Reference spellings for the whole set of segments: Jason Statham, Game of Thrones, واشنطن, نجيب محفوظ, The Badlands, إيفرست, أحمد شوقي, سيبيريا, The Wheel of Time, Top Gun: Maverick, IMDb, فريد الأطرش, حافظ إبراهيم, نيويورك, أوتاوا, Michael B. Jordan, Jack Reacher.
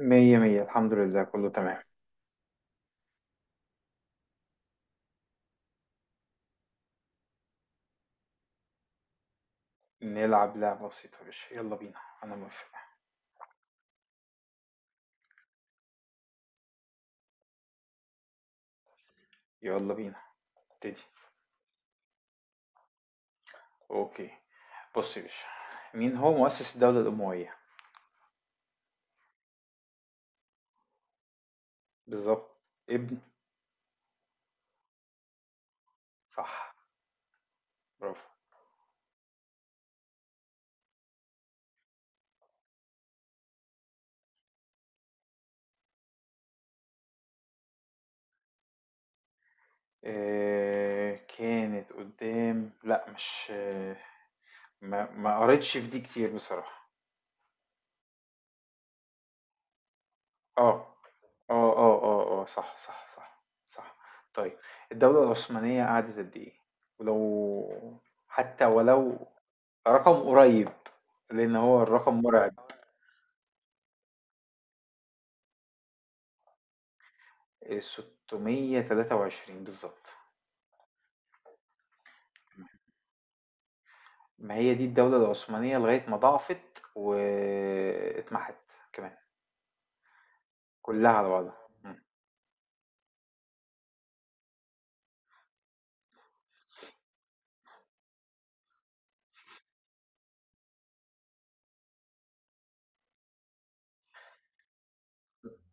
مية مية الحمد لله كله تمام. نلعب لعبة بسيطة يا باشا، يلا بينا أنا موافق. يلا بينا ابتدي. أوكي، بص يا باشا، مين هو مؤسس الدولة الأموية؟ بالظبط. ابن. صح، برافو. إيه كانت قدام؟ لأ مش، ما قريتش في دي كتير بصراحة. آه. آه، آه، آه، آه، صح، صح، صح، صح. طيب، الدولة العثمانية قعدت قد إيه؟ ولو حتى ولو رقم قريب، لأن هو الرقم مرعب. إيه، 623 بالظبط. ما هي دي الدولة العثمانية لغاية ما ضعفت واتمحت كمان كلها على بعضها. مم.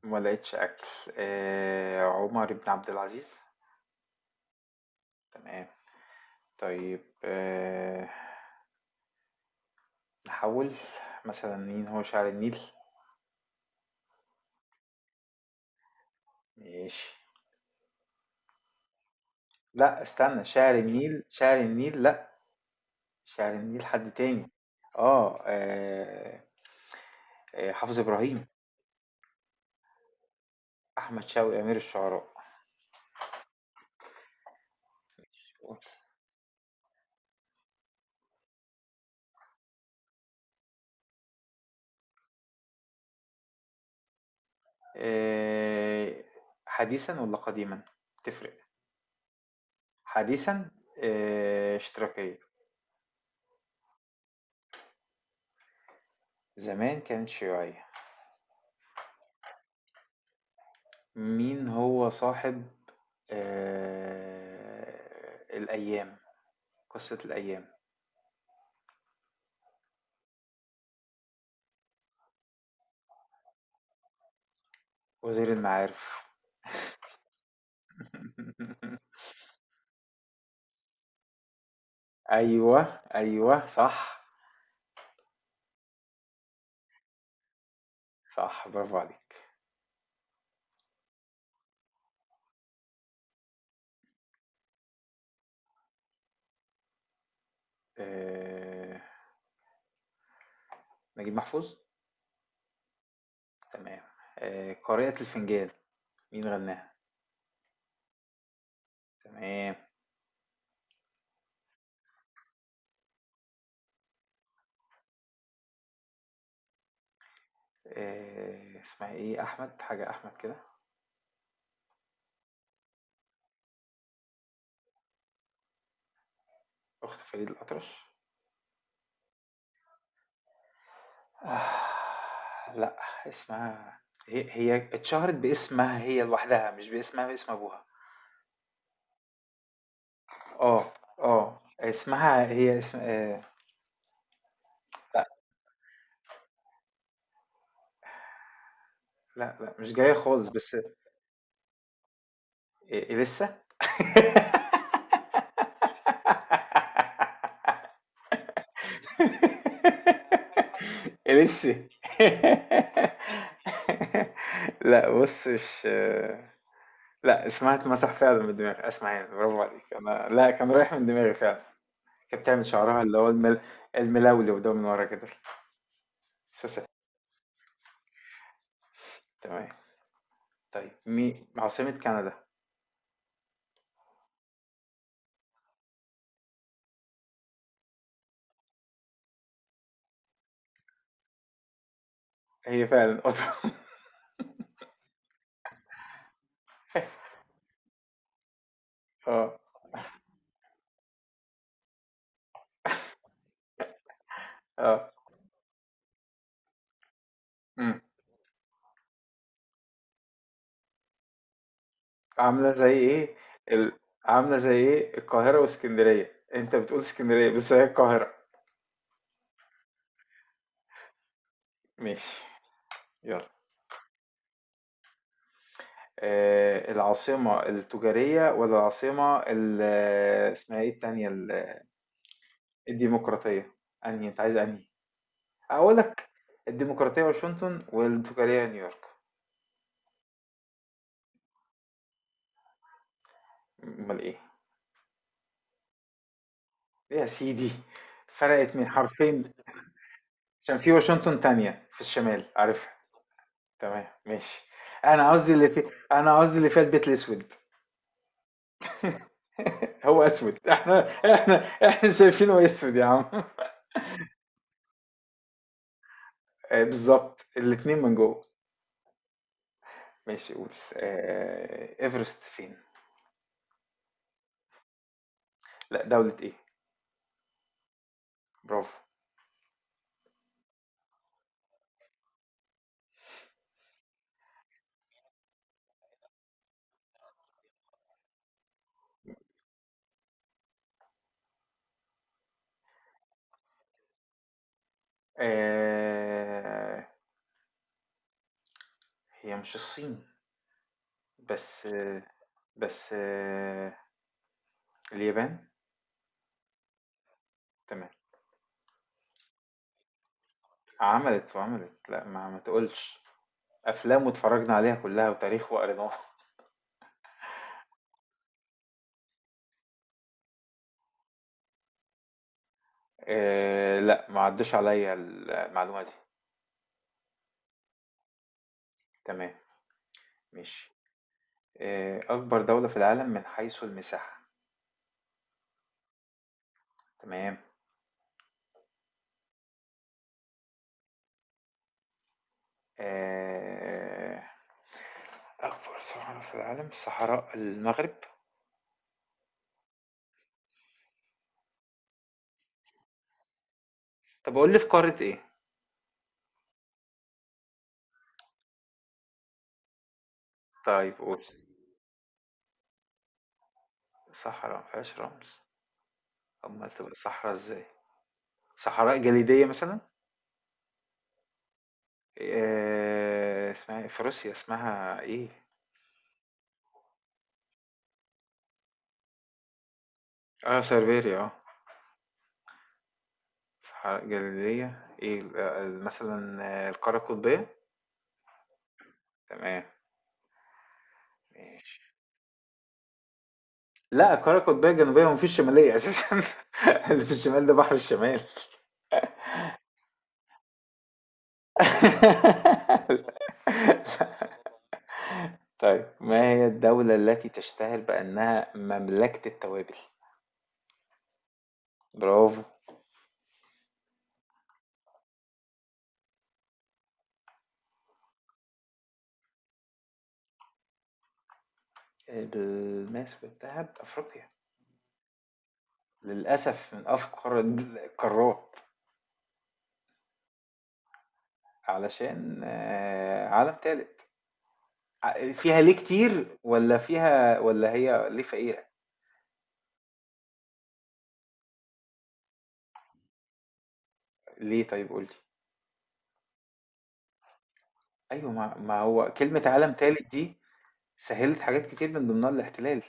ما لقيتش أكل. آه، عمر بن عبد العزيز. تمام. طيب آه، نحول. مثلا مين هو شاعر النيل؟ ماشي. لا استنى، شاعر النيل شاعر النيل لا، شاعر النيل حد تاني. اه آه، آه، حافظ إبراهيم. أحمد شوقي أمير الشعراء. آه، حديثا ولا قديما؟ تفرق. حديثا آه، اشتراكية. زمان كانت شيوعية. مين هو صاحب آه، الأيام، قصة الأيام؟ وزير المعارف. ايوه، ايوه صح، صح برافو عليك. آه، نجيب محفوظ. تمام. آه، قارئة الفنجان، مين غناها؟ تمام. آه، اسمها ايه؟ احمد حاجة احمد كده. اخت فريد الأطرش. آه، لا، اسمها هي، هي اتشهرت باسمها هي لوحدها، مش باسمها باسم ابوها. اه اه، اسمها هي اسم آه. لا لا مش جاية خالص بس. إيه إيه لسه؟ إيه لسه؟ لا بص، مش، لا اسمها اتمسح فعلا من دماغي، اسمع يعني برافو عليك، انا لا كان رايح من دماغي فعلا. كانت بتعمل شعرها اللي هو المل، الملولو ده من ورا كده، سوسة. تمام. طيب، مي عاصمة كندا؟ هي فعلا اوتوا. اه اه، عاملة زي ايه ال، عاملة زي ايه القاهرة واسكندرية، انت بتقول اسكندرية بس هي القاهرة. ماشي. يلا، آه العاصمة التجارية ولا العاصمة ال، اسمها ايه التانية ال. الديمقراطية، انهي انت عايز؟ انهي اقول لك؟ الديمقراطية واشنطن والتجارية نيويورك. امال ايه؟ إيه يا سيدي، فرقت من حرفين. عشان في واشنطن تانية في الشمال، عارفها. تمام ماشي. انا قصدي اللي في، انا قصدي اللي فيها البيت الاسود. هو اسود؟ احنا احنا، احنا شايفينه اسود يا عم. آه، بالظبط الاتنين من جوه. ماشي، قول. آه، ايفرست فين؟ لا دولة ايه؟ برافو. آه، هي مش الصين بس آه، بس آه، اليابان. تمام. عملت وعملت، لا ما تقولش، افلام واتفرجنا عليها كلها، وتاريخ وقريناها. آه، لا ما عدش عليا المعلومة دي. تمام ماشي. آه، أكبر دولة في العالم من حيث المساحة. تمام. آه، أكبر صحراء في العالم صحراء المغرب. طب أقول لي في قارة إيه؟ طيب قول. صحراء مفيهاش رمل؟ أمال تبقى صحراء إزاي؟ صحراء جليدية مثلا؟ آه، اسمها إيه؟ في روسيا اسمها إيه؟ آه سيberia آه، صحراء جليدية إيه آه، مثلا آه، القارة القطبية؟ تمام ماشي. لا، القارة القطبية الجنوبية، ومفيش شمالية أساسا. اللي في الشمال ده بحر الشمال. طيب، ما هي الدولة التي تشتهر بأنها مملكة التوابل؟ برافو. الماس والذهب أفريقيا. للأسف من أفقر القارات. علشان آه، عالم تالت. ع- فيها ليه كتير؟ ولا فيها، ولا هي ليه فقيرة؟ ليه طيب، قولي. أيوة، ما هو كلمة عالم تالت دي سهلت حاجات كتير من ضمنها الاحتلال.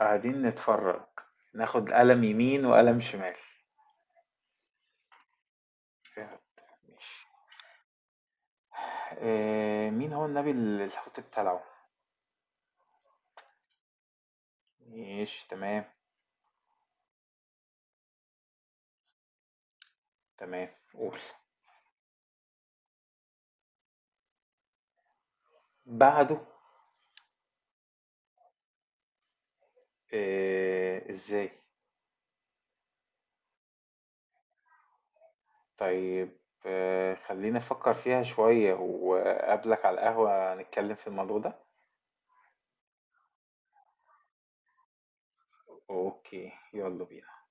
قاعدين نتفرج، ناخد قلم يمين وقلم شمال. ماشي. آه، مين هو النبي اللي الحوت ابتلعه؟ ماشي تمام. تمام قول. بعده؟ آه ازاي. طيب آه، خلينا نفكر فيها شوية، وقابلك على القهوة نتكلم في الموضوع ده. اوكي، يلا بينا.